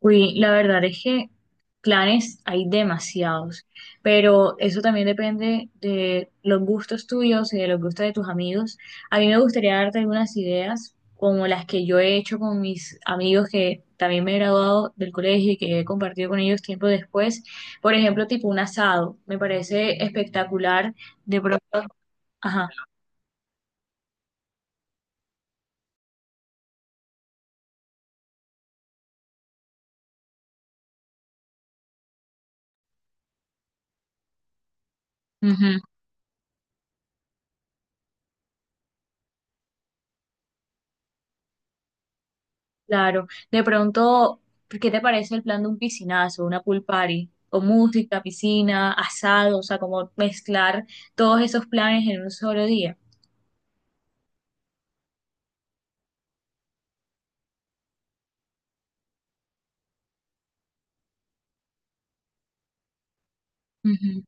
Uy, la verdad es que planes hay demasiados, pero eso también depende de los gustos tuyos y de los gustos de tus amigos. A mí me gustaría darte algunas ideas, como las que yo he hecho con mis amigos que también me he graduado del colegio y que he compartido con ellos tiempo después. Por ejemplo, tipo un asado, me parece espectacular. De pronto, ajá. Ujú. Claro, de pronto, ¿qué te parece el plan de un piscinazo, una pool party, con música, piscina, asado? O sea, como mezclar todos esos planes en un solo día. Ujú.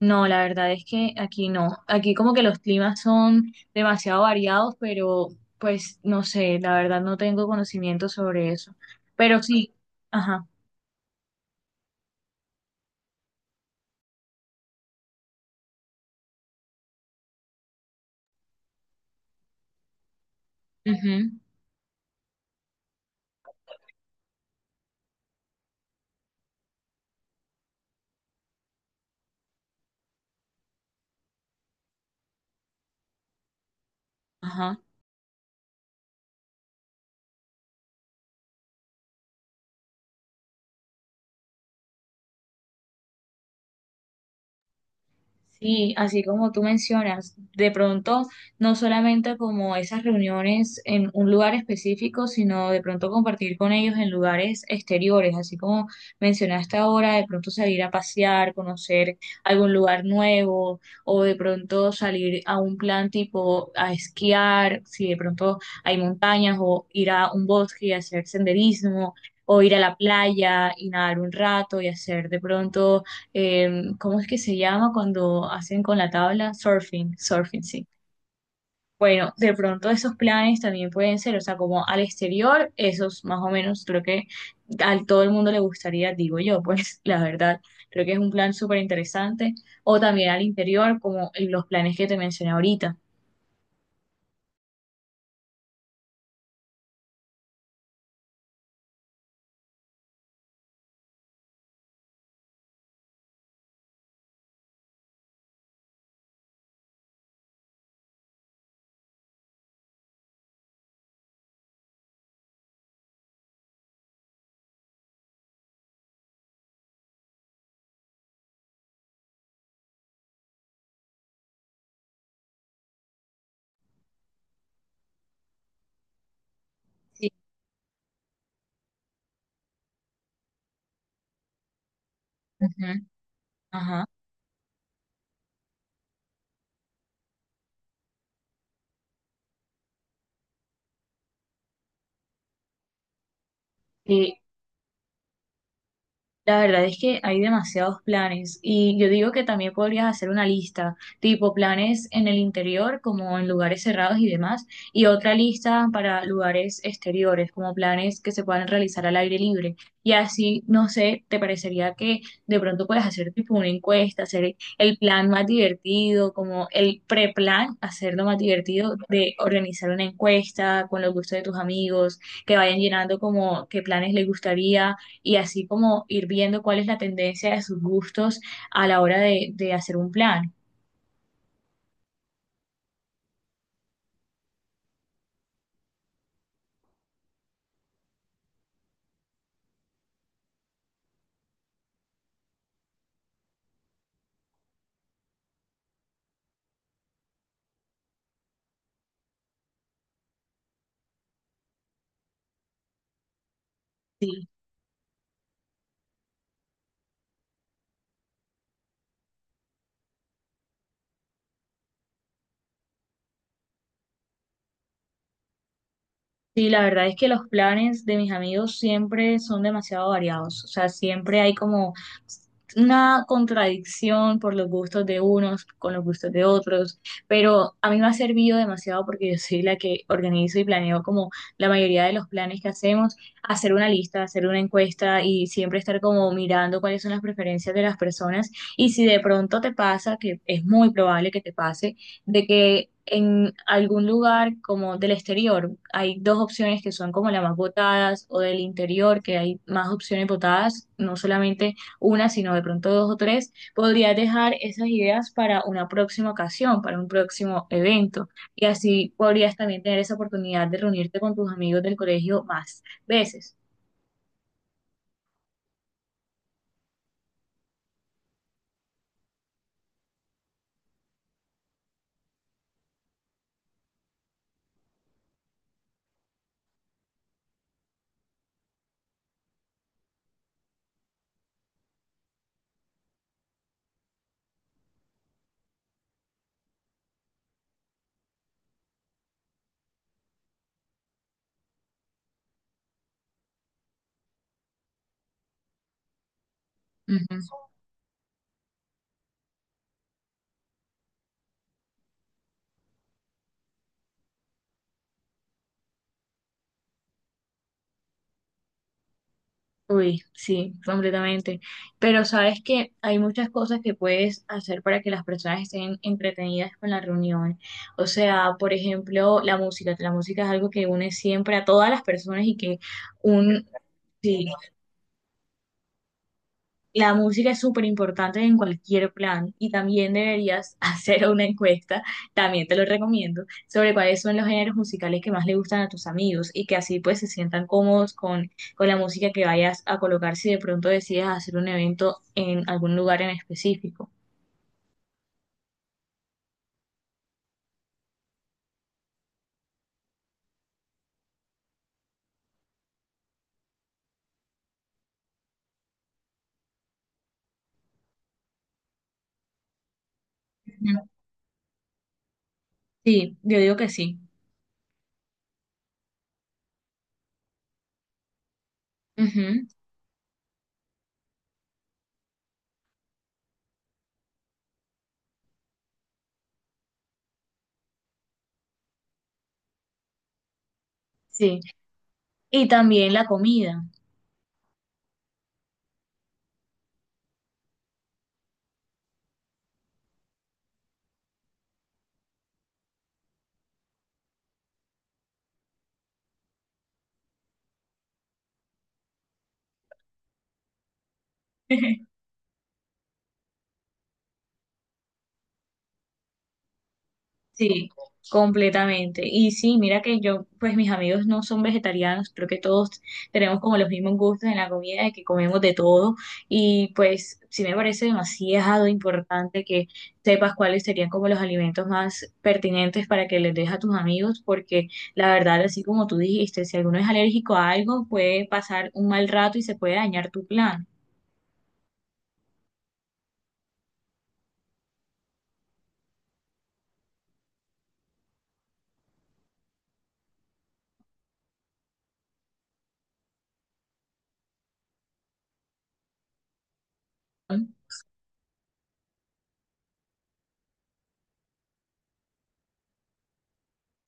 No, la verdad es que aquí no. Aquí como que los climas son demasiado variados, pero pues no sé, la verdad no tengo conocimiento sobre eso. Pero sí, ajá, ujú, ajá. Sí, así como tú mencionas, de pronto no solamente como esas reuniones en un lugar específico, sino de pronto compartir con ellos en lugares exteriores, así como mencionaste ahora, de pronto salir a pasear, conocer algún lugar nuevo, o de pronto salir a un plan tipo a esquiar, si de pronto hay montañas, o ir a un bosque y hacer senderismo, o ir a la playa y nadar un rato y hacer de pronto ¿cómo es que se llama cuando hacen con la tabla? Surfing, surfing, sí. Bueno, de pronto esos planes también pueden ser, o sea, como al exterior, esos más o menos creo que a todo el mundo le gustaría, digo yo, pues la verdad, creo que es un plan súper interesante. O también al interior, como los planes que te mencioné ahorita. Sí. Ujú, ajá. Eh, La verdad es que hay demasiados planes y yo digo que también podrías hacer una lista, tipo planes en el interior como en lugares cerrados y demás, y otra lista para lugares exteriores, como planes que se puedan realizar al aire libre. Y así, no sé, te parecería que de pronto puedes hacer tipo una encuesta, hacer el plan más divertido, como el preplan, hacerlo más divertido de organizar una encuesta con los gustos de tus amigos, que vayan llenando como qué planes les gustaría y así como ir viendo cuál es la tendencia de sus gustos a la hora de hacer un plan. Sí. Sí, la verdad es que los planes de mis amigos siempre son demasiado variados, o sea, siempre hay como una contradicción por los gustos de unos con los gustos de otros, pero a mí me ha servido demasiado porque yo soy la que organizo y planeo como la mayoría de los planes que hacemos, hacer una lista, hacer una encuesta y siempre estar como mirando cuáles son las preferencias de las personas y si de pronto te pasa, que es muy probable que te pase, de que en algún lugar como del exterior hay dos opciones que son como las más votadas o del interior que hay más opciones votadas, no solamente una, sino de pronto dos o tres, podrías dejar esas ideas para una próxima ocasión, para un próximo evento y así podrías también tener esa oportunidad de reunirte con tus amigos del colegio más veces. Ujú. Uy, sí, completamente. Pero sabes que hay muchas cosas que puedes hacer para que las personas estén entretenidas con la reunión. O sea, por ejemplo, la música. La música es algo que une siempre a todas las personas y que un, sí, la música es súper importante en cualquier plan y también deberías hacer una encuesta, también te lo recomiendo, sobre cuáles son los géneros musicales que más le gustan a tus amigos y que así pues se sientan cómodos con la música que vayas a colocar si de pronto decides hacer un evento en algún lugar en específico. Ujú. Sí, yo digo que sí. Ujú, sí. Y también la comida. Sí, completamente. Y sí, mira que yo, pues mis amigos no son vegetarianos, creo que todos tenemos como los mismos gustos en la comida, de que comemos de todo. Y pues sí me parece demasiado importante que sepas cuáles serían como los alimentos más pertinentes para que les des a tus amigos, porque la verdad, así como tú dijiste, si alguno es alérgico a algo, puede pasar un mal rato y se puede dañar tu plan.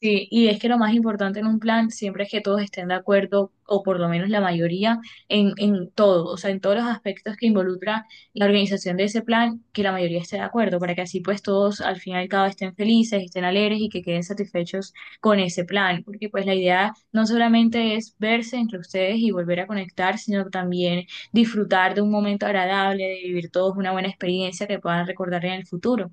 Sí, y es que lo más importante en un plan siempre es que todos estén de acuerdo, o por lo menos la mayoría, en todo, o sea, en todos los aspectos que involucra la organización de ese plan, que la mayoría esté de acuerdo, para que así pues todos al final y al cabo estén felices, estén alegres y que queden satisfechos con ese plan, porque pues la idea no solamente es verse entre ustedes y volver a conectar, sino también disfrutar de un momento agradable, de vivir todos una buena experiencia que puedan recordar en el futuro.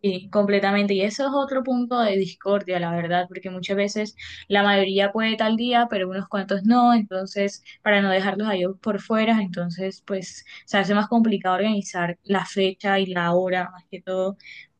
Sí, completamente. Y eso es otro punto de discordia, la verdad, porque muchas veces la mayoría puede tal día, pero unos cuantos no. Entonces, para no dejarlos a ellos por fuera, entonces, pues se hace más complicado organizar la fecha y la hora, más que todo,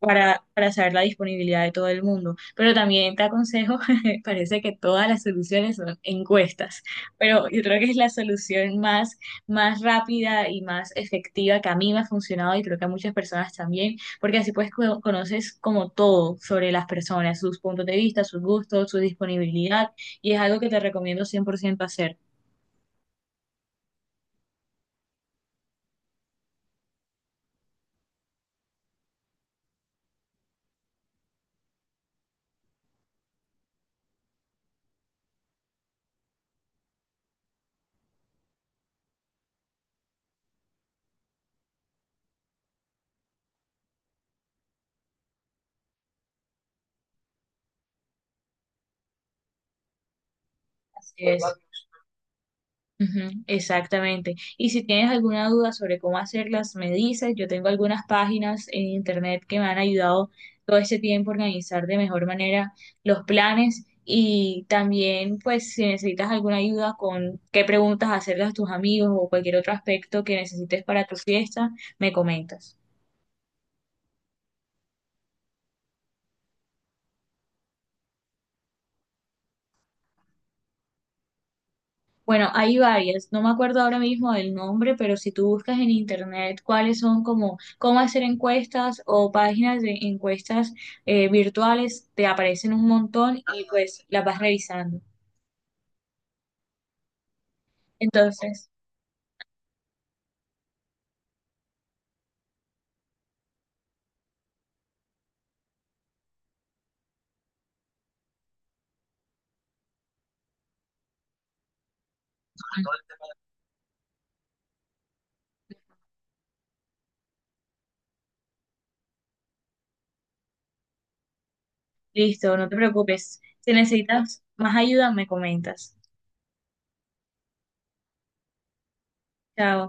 para saber la disponibilidad de todo el mundo. Pero también te aconsejo, parece que todas las soluciones son encuestas, pero yo creo que es la solución más, más rápida y más efectiva que a mí me ha funcionado y creo que a muchas personas también porque así pues conoces como todo sobre las personas, sus puntos de vista, sus gustos, su disponibilidad, y es algo que te recomiendo 100% hacer. Así es. Ujú, exactamente. Y si tienes alguna duda sobre cómo hacerlas, me dices, yo tengo algunas páginas en internet que me han ayudado todo este tiempo a organizar de mejor manera los planes. Y también, pues, si necesitas alguna ayuda con qué preguntas hacerle a tus amigos o cualquier otro aspecto que necesites para tu fiesta, me comentas. Bueno, hay varias, no me acuerdo ahora mismo del nombre, pero si tú buscas en internet cuáles son como cómo hacer encuestas o páginas de encuestas virtuales, te aparecen un montón y pues las vas revisando. Entonces, listo, no te preocupes. Si necesitas más ayuda, me comentas. Chao.